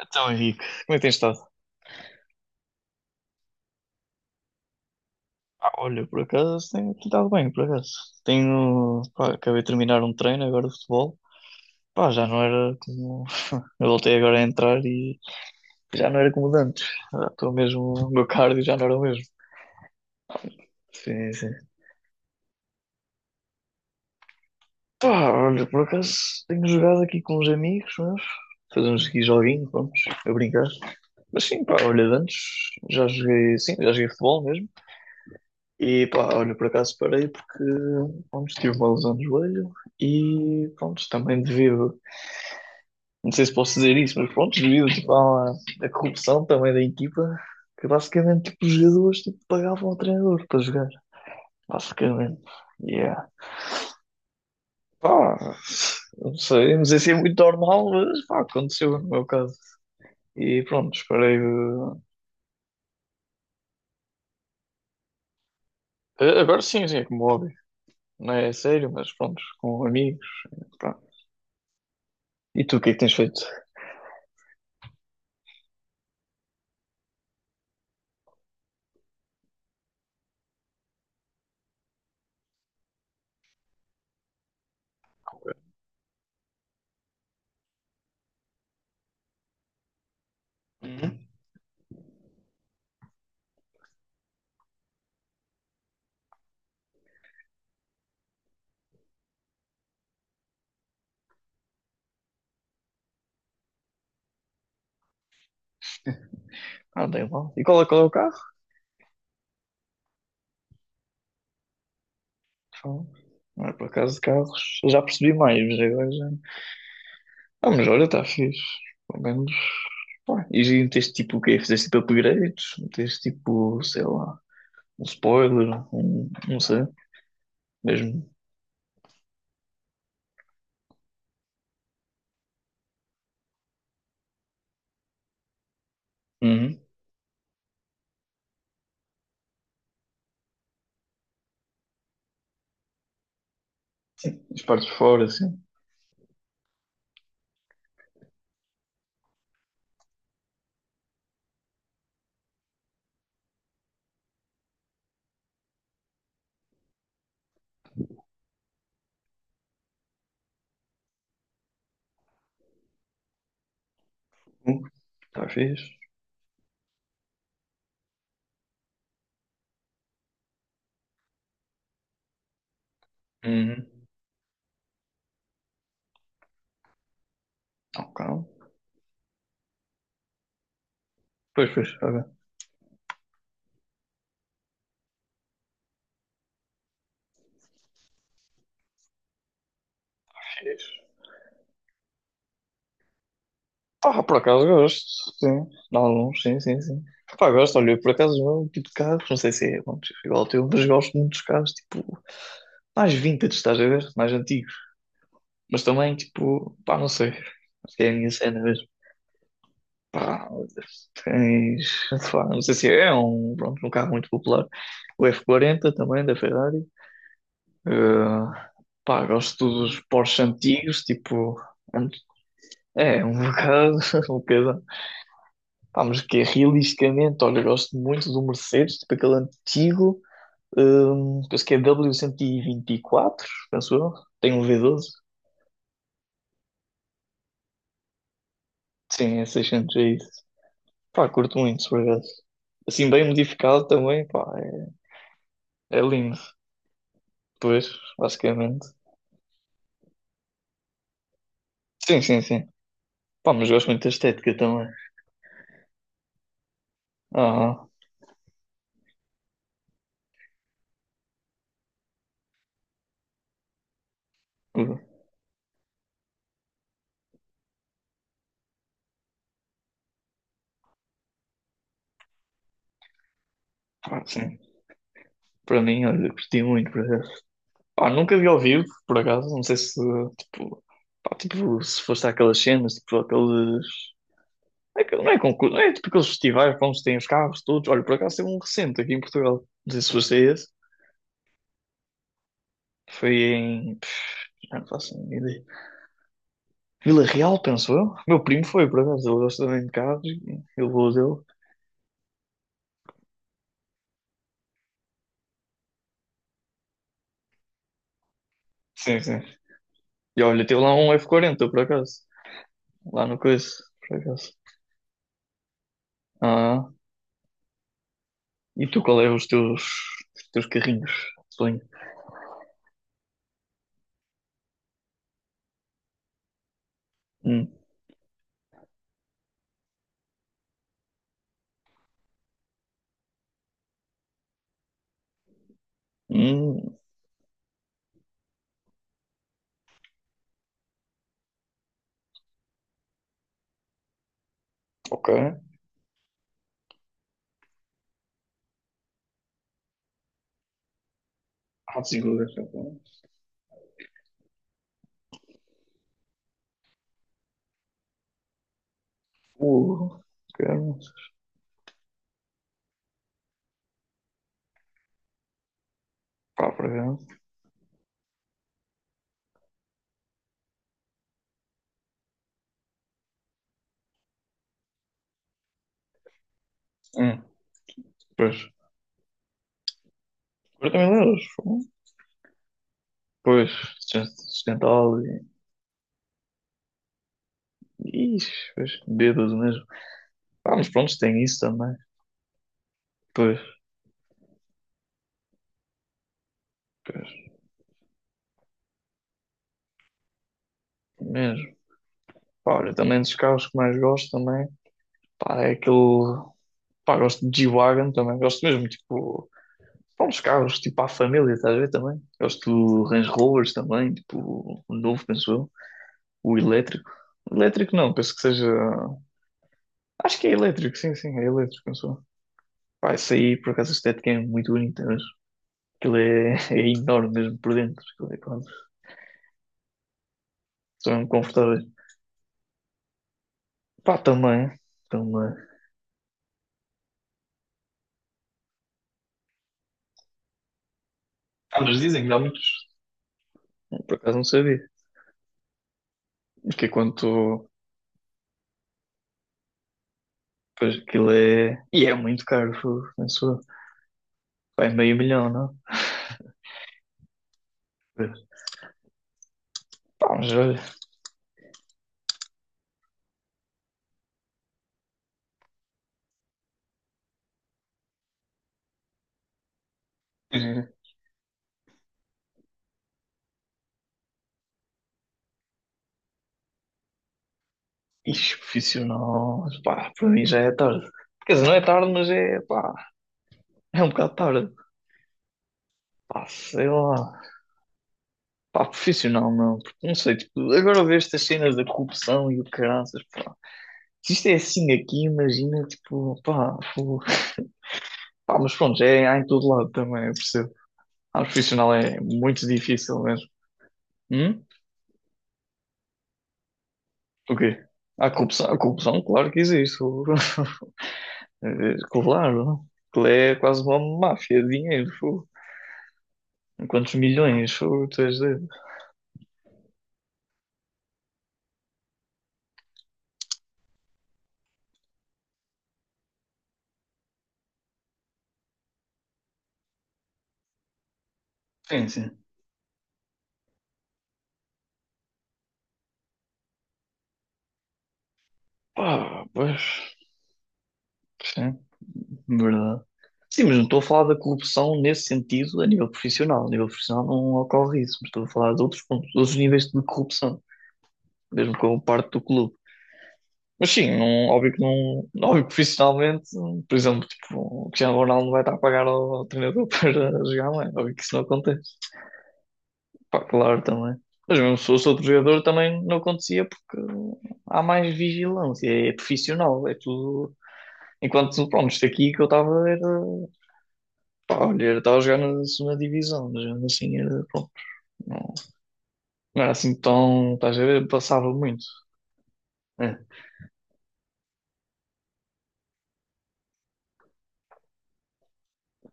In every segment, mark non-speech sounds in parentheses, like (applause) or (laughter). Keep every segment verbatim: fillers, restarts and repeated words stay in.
Então, Henrique, como é que tens estado? Ah, olha, por acaso tenho tenho estado bem, por acaso. Tenho, pá, acabei de terminar um treino agora de futebol. Pá, já não era como. (laughs) Eu voltei agora a entrar e já não era como de antes. Ah, estou mesmo. O meu cardio já não era o mesmo. Sim, sim. Pá, olha, por acaso tenho jogado aqui com uns amigos meus. Fazemos aqui joguinho, vamos, a brincar. Mas sim, pá, olha, de antes já joguei, sim, já joguei futebol mesmo. E pá, olha, por acaso parei porque pronto, tive uma lesão no joelho e pronto, também devido, não sei se posso dizer isso, mas pronto, devido tipo, à, à corrupção também da equipa, que basicamente tipo, os jogadores tipo, pagavam ao treinador para jogar, basicamente. Yeah. Pá, não sei, não sei se é muito normal, mas pá, aconteceu no meu caso. E pronto, esperei. eh, Agora sim, sim, é como hobby. Não é sério, mas pronto, com amigos. Pá. E tu, o que é que tens feito? Ah, não tem mal. E qual é, qual é o carro? Fala. Não é por acaso de carros. Eu já percebi mais, mas agora já. Ah, mas olha, está fixe. Pelo menos. Pá. E já meteste tipo o quê? Fizeste tipo upgrades? Meteste tipo, sei lá, um spoiler, um, não sei, mesmo. Uhum. As partes de fora, assim. Está fixe. Uhum. Ok. Pois, pois, olha. Fixe. Ah, por acaso gosto, sim. De alguns, sim, sim, sim. Pá, gosto, olha, por acaso o meu tipo de carros, não sei se é bom, tipo, igual ao teu, mas gosto muito dos carros, tipo. mais vintage, estás a ver? Mais antigos. Mas também, tipo, pá, não sei. Acho que é a minha cena mesmo. Pá, tens, pá, não sei se é um, pronto, um carro muito popular. O f quarenta também, da Ferrari. Eh, pá, gosto dos Porsche antigos, tipo, an- é, um bocado, (laughs) um bocado. Pá, mas que é realisticamente, olha, gosto muito do Mercedes, tipo aquele antigo, hum, penso que é dáblio cento e vinte e quatro, cento e vinte e quatro, penso eu. Tem um v doze. Sim, é seiscentos, é isso. Pá, curto muito, por acaso. Assim, bem modificado também, pá, é, é lindo. Pois, basicamente. Sim, sim, sim. Pá, mas gosto muito da estética também. Aham. Pá, sim. Para mim, olha, curti muito, por acaso. Pá, nunca vi ao vivo, por acaso. Não sei se, tipo, pá, tipo, se foste àquelas cenas, tipo, aqueles. é que- Não é concurso, é tipo aqueles festivais para onde se tem os carros todos. Olha, por acaso teve um recente aqui em Portugal. Não sei se foste a esse. Foi em. pff, já não faço a mínima ideia. Vila Real, penso eu. Meu primo foi, por acaso. Ele gosta também de carros. e Ele levou dele. Sim, sim. E olha, teve lá um F quarenta, por acaso. Lá no coice, por acaso. Ah, e tu, qual é os teus, os teus carrinhos? Sonho. Hum, hum, ok. Ah, de segura. Uh, quero. Pá, por acaso. Hum, pois. quarenta mil euros. Fogo. Pois, sustenta- sustentável e. Ixi, pois, bêbado mesmo. Ah, mas pronto, tem isso também. Pois, pois. Mesmo. Pá, olha, também dos carros que mais gosto também, pá, é aquele, pá, gosto de G-Wagon também, gosto mesmo, tipo, pá, uns carros, tipo, à família, estás a ver também? Gosto do Range Rovers também, tipo, o novo, penso eu, o elétrico. Elétrico não, penso que seja, acho que é elétrico, sim, sim, é elétrico, penso eu. Pá, isso aí, por acaso, a estética é muito bonita, mas aquilo é, (laughs) é enorme mesmo por dentro, aquilo é, pá, são mesmo confortáveis. Pá, também, também. Ah, mas dizem que dá muitos, por acaso não sabia, que é quanto... Pois aquilo é. E é muito caro, fogo, penso eu. Vai meio milhão, não? Pá, mas olha. Ixi, profissional. Pá, para mim já é tarde. Quer dizer, não é tarde, mas é. Pá, é um bocado tarde. Pá, sei lá. Pá, profissional não. Porque não sei, tipo, agora vejo estas cenas da corrupção e o caraças, pá. Se isto é assim aqui, imagina, tipo, pá, fogo. Pá, mas pronto, é, há em todo lado também, eu percebo. Ah, profissional é muito difícil mesmo. Hum? O quê? A corrupção, a corrupção, claro que existe. Fogo. (laughs) É, claro. Aquilo é quase uma máfia de dinheiro. Fogo. Quantos milhões? Fogo, tu és doido. Sim, sim. Pá, pois, sim, verdade. Sim, mas não estou a falar da corrupção nesse sentido a nível profissional. A nível profissional não ocorre isso, mas estou a falar de outros pontos, de outros níveis de corrupção, mesmo com parte do clube. Mas sim, não, óbvio que não, óbvio que profissionalmente, por exemplo, tipo, o Cristiano Ronaldo não vai estar a pagar ao, ao treinador (laughs) para jogar, não é? Óbvio que isso não acontece. Pá, claro também. Mas mesmo se fosse outro jogador também não acontecia porque há mais vigilância, é profissional, é tudo. Enquanto, pronto, isto aqui que eu estava era, pá, olha, eu estava a jogar na segunda divisão, mas mesmo assim era, pronto, não, não era assim tão, estás a ver, passava muito. É,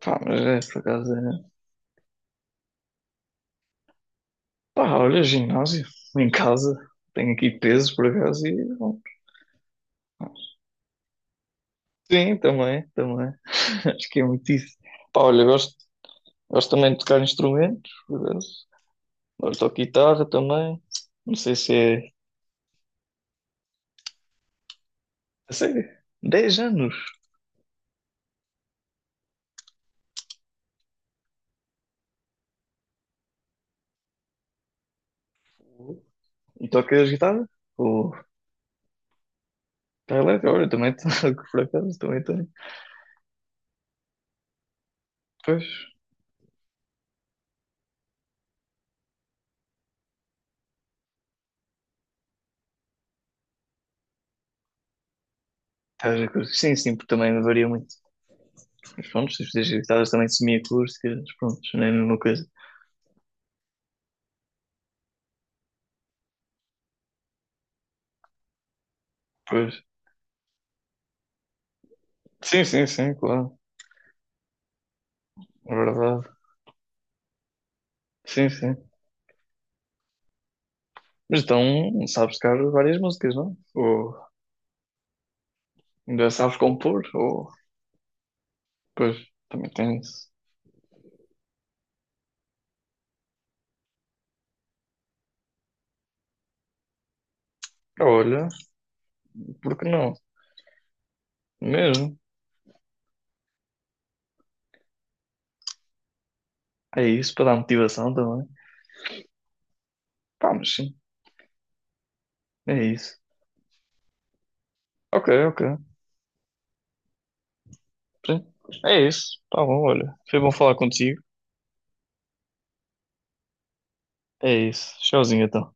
pá, mas é, por acaso é. Pá, olha, ginásio, em casa, tenho aqui pesos por acaso e. bom, Sim, também, também. (laughs) Acho que é muito isso. Pá, olha, gosto, gosto também de tocar instrumentos, por acaso. Agora toco guitarra também, não sei se é. Não sei, dez anos. E tocas guitarra? Ou. Tá elétrica, olha, também (laughs) toco por acaso, também tenho. Pois. Estás a curtir. Sim, sim, porque também varia muito. Mas pronto, se fizeres guitarras também semiacústicas, pronto, não é a mesma coisa. Pois. Sim, sim, sim, claro. É verdade. Sim, sim. Mas então sabes tocar várias músicas, não? Ou ainda sabes compor? Ou pois também tens. Olha, por que não? Mesmo. É isso, para dar motivação também. Pá, mas sim, é isso. Ok, ok. Sim. É isso. Tá bom, olha. Foi bom falar contigo. É isso. Tchauzinho então.